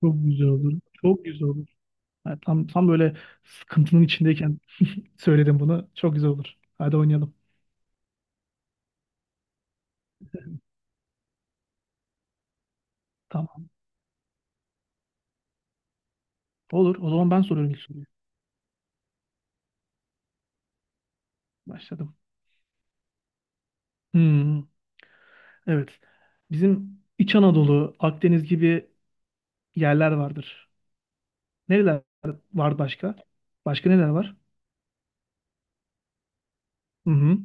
Çok güzel olur. Çok güzel olur. Ha, tam tam böyle sıkıntının içindeyken söyledim bunu. Çok güzel olur. Hadi oynayalım. Tamam. Olur. O zaman ben soruyorum ilk soruyu. Başladım. Hmm, evet. Bizim İç Anadolu, Akdeniz gibi yerler vardır. Nereler var başka? Başka neler var? Hı hı.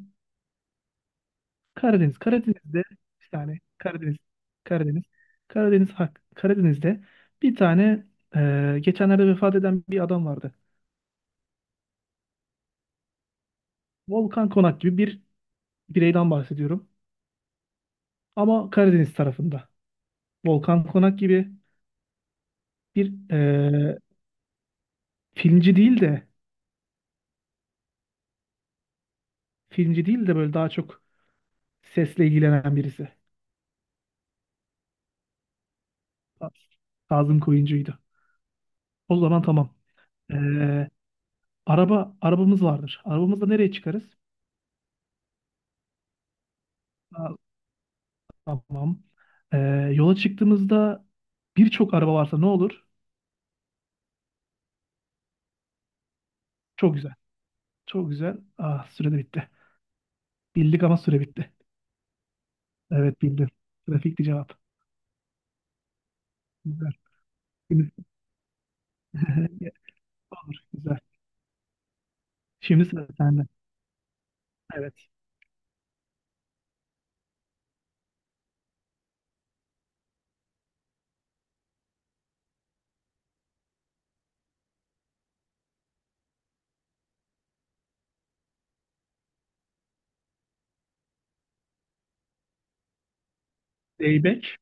Karadeniz. Karadeniz'de bir tane Karadeniz. Karadeniz. Karadeniz hak. Karadeniz'de bir tane geçenlerde vefat eden bir adam vardı. Volkan Konak gibi bir bireyden bahsediyorum. Ama Karadeniz tarafında. Volkan Konak gibi bir e, filmci değil de filmci değil de böyle daha çok sesle ilgilenen birisi. Kazım Koyuncu'ydu. O zaman tamam. E, arabamız vardır. Arabamızla nereye çıkarız? Ha, tamam. E, yola çıktığımızda birçok araba varsa ne olur? Çok güzel. Çok güzel. Ah süre de bitti. Bildik ama süre bitti. Evet bildim. Trafikti cevap. Güzel. Olur. Güzel. Şimdi sıra sende. Evet. Zeybek,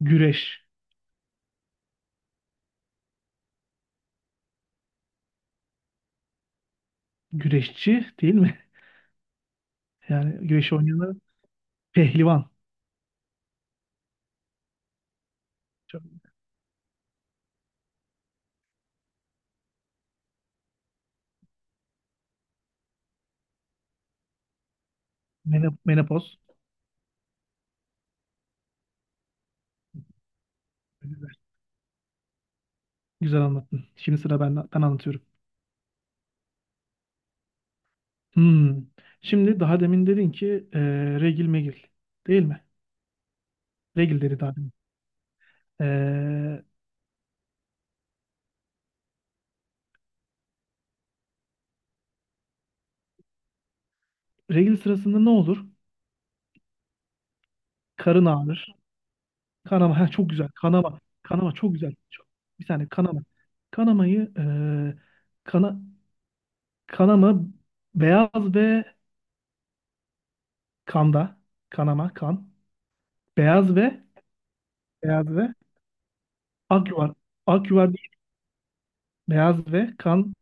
güreş. Güreşçi değil mi? Yani güreş oynayanlar pehlivan. Çok- Menopoz. Güzel, güzel anlattın. Şimdi sıra ben anlatıyorum. Hmm. Şimdi daha demin dedin ki regil megil. Değil mi? Regil dedi daha demin. E, regil sırasında ne olur? Karın ağrır. Kanama. Ha, çok güzel. Kanama. Kanama çok güzel. Bir saniye kanama. Kanamayı e, kana, kanama beyaz ve kanda. Kanama. Kan. Beyaz ve Beyaz ve ak yuvar. Ak yuvar değil. Beyaz ve kan.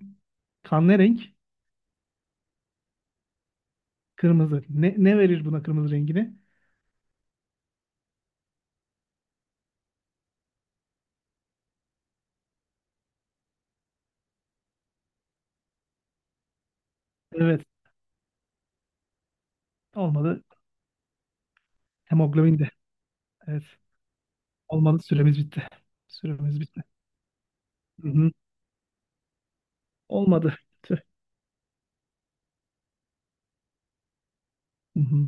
Kan ne renk? Kırmızı. Ne verir buna kırmızı rengini? Evet. Olmadı. Hemoglobin de. Evet. Olmadı. Süremiz bitti. Süremiz bitti. Hı hı. Olmadı. Tüh. Hı hı.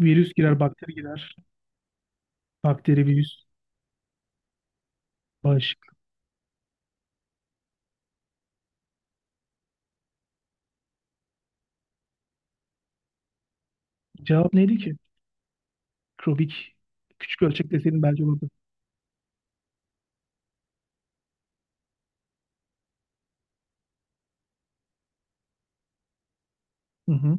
Virüs girer, bakteri girer. Bakteri, virüs, bağışık. Cevap neydi ki? Krobik. Küçük ölçek deseydin belki olurdu. Hı hı.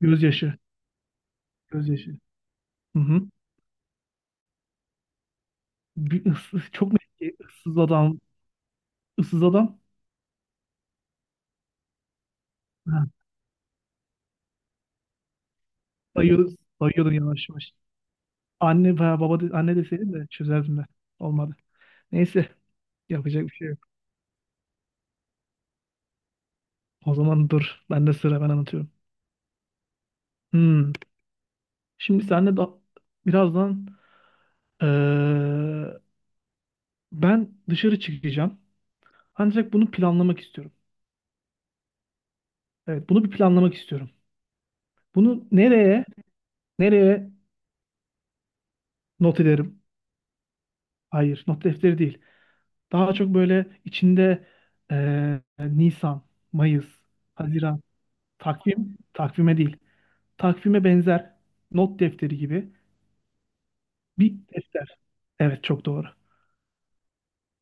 Gözyaşı. Gözyaşı. Hı hı. Bir ıssız, çok merak ediyorum. Issız adam. Issız adam. Ha, sayıyoruz. Sayıyordum yavaş yavaş. Anne veya baba anne deseydi de çözerdim de. Olmadı. Neyse. Yapacak bir şey yok. O zaman dur. Ben de sıra, ben anlatıyorum. Hmm. Şimdi senle da birazdan, eee, ben dışarı çıkacağım. Ancak bunu planlamak istiyorum. Evet, bunu bir planlamak istiyorum. Bunu nereye not ederim? Hayır, not defteri değil. Daha çok böyle içinde Nisan, Mayıs, Haziran. Takvim, takvime değil. Takvime benzer not defteri gibi bir defter. Evet çok doğru.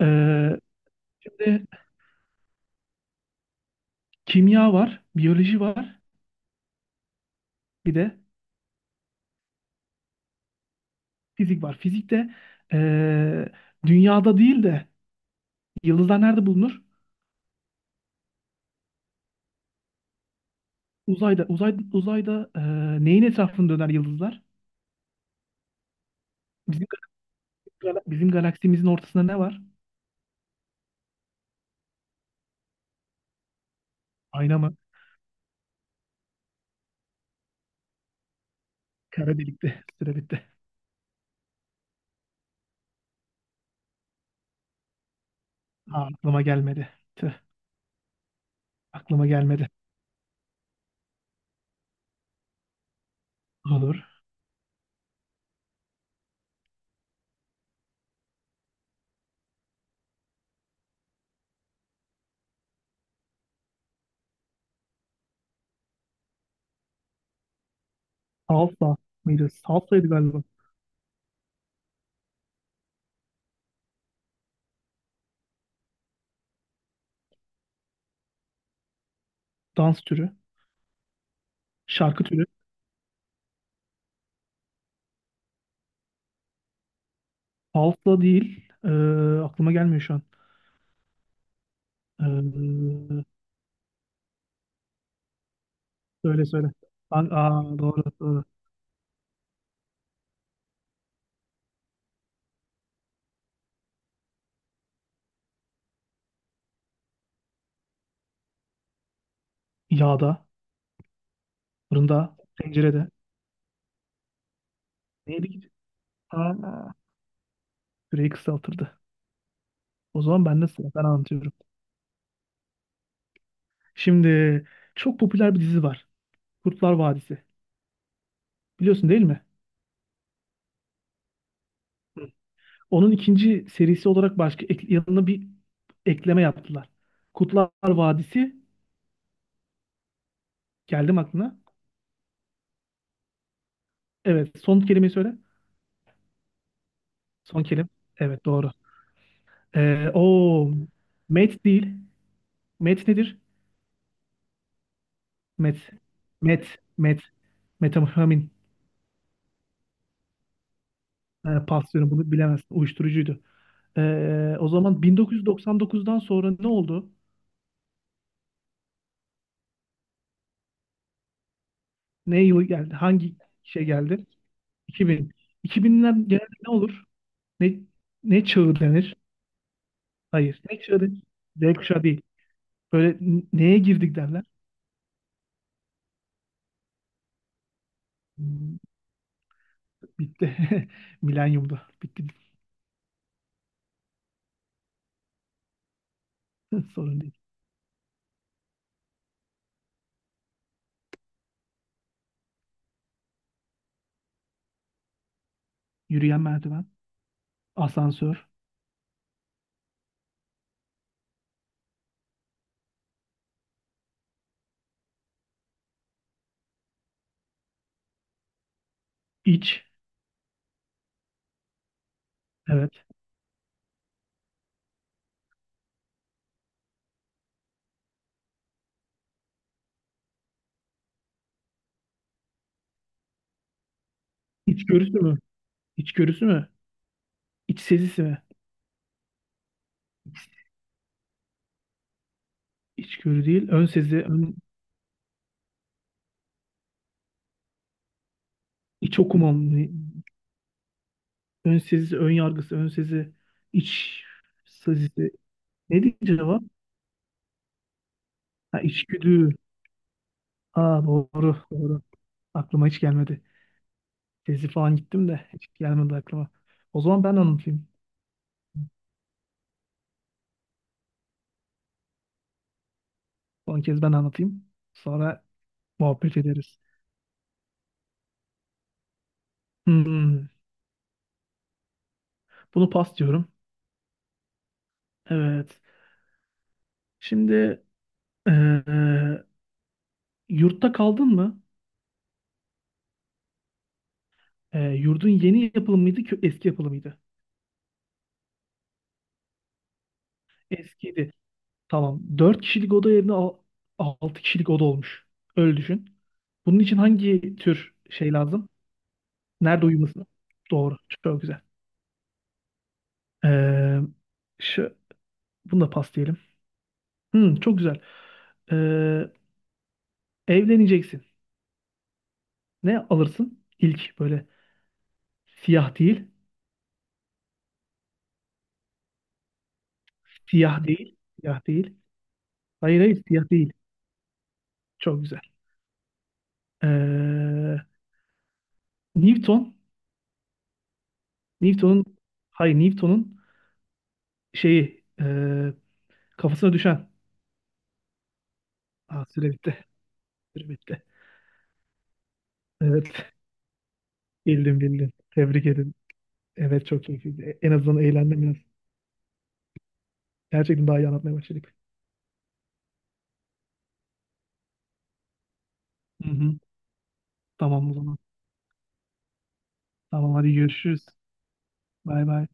Ee, şimdi kimya var, biyoloji var, bir de fizik var. Fizikte ee, dünyada değil de yıldızlar nerede bulunur? Uzayda neyin etrafında döner yıldızlar? Bizim, bizim galaksimizin ortasında ne var? Ayna mı? Kara delikte. Süre bitti. Ha, aklıma gelmedi. Tüh, aklıma gelmedi. Olur. Alfa mıydı? Salsaydı galiba. Dans türü, şarkı türü. Salsa değil. Aklıma gelmiyor şu an. Ee, söyle söyle. Aa, doğru doğru. Yağda, fırında, tencerede. Neydi ki? Aa, süreyi kısaltırdı. O zaman ben de sıra. Ben anlatıyorum. Şimdi çok popüler bir dizi var. Kurtlar Vadisi. Biliyorsun değil mi? Hı. Onun ikinci serisi olarak başka yanına bir ekleme yaptılar. Kurtlar Vadisi. Geldim aklına. Evet. Son kelimeyi söyle. Son kelime. Evet doğru. O met değil. Met nedir? Met. Met. Met. Metamfetamin. Pas diyorum bunu bilemezsin. Uyuşturucuydu. O zaman 1999'dan sonra ne oldu? Ne yıl geldi? Hangi şey geldi? 2000. 2000'ler genelde ne olur? Ne ne çağı denir? Hayır. Ne çağı denir? Z kuşağı değil. Böyle neye girdik derler? Hmm, Bitti. Milenyumda. Bitti. Sorun değil. Yürüyen merdiven. Asansör. İç. Evet. İçgörüsü mü? İçgörüsü mü? İç sezisi mi? İçgörü değil. Ön sezi, ön, iç okumam mı? Ön sezisi, ön yargısı, ön sezi, iç sezisi. Ne diyeceğim cevap? Ha, içgüdü. Ha, doğru, doğru. Aklıma hiç gelmedi. Sezi falan gittim de hiç gelmedi aklıma. O zaman ben anlatayım. Son kez ben anlatayım. Sonra muhabbet ederiz. Hmm, Bunu pas diyorum. Evet. Şimdi eee, yurtta kaldın mı? Yurdun yeni yapılı mıydı ki eski yapılı mıydı? Eskiydi. Tamam. 4 kişilik oda yerine 6 kişilik oda olmuş. Öyle düşün. Bunun için hangi tür şey lazım? Nerede uyuması? Doğru. Çok güzel. Ee, şu, bunu da pas diyelim. Çok güzel. Ee, evleneceksin. Ne alırsın? İlk böyle siyah değil. Siyah değil. Siyah değil. Hayır hayır siyah değil. Çok güzel. Ee, Newton. Newton'un, hayır, Newton'un şeyi kafasına düşen. Aa, süre bitti. Süre bitti. Evet. Bildim bildim. Tebrik ederim. Evet çok keyifliydi. En azından eğlendim biraz. Gerçekten daha iyi anlatmaya başladık. Hı hı. Tamam o zaman. Tamam hadi görüşürüz. Bay bay.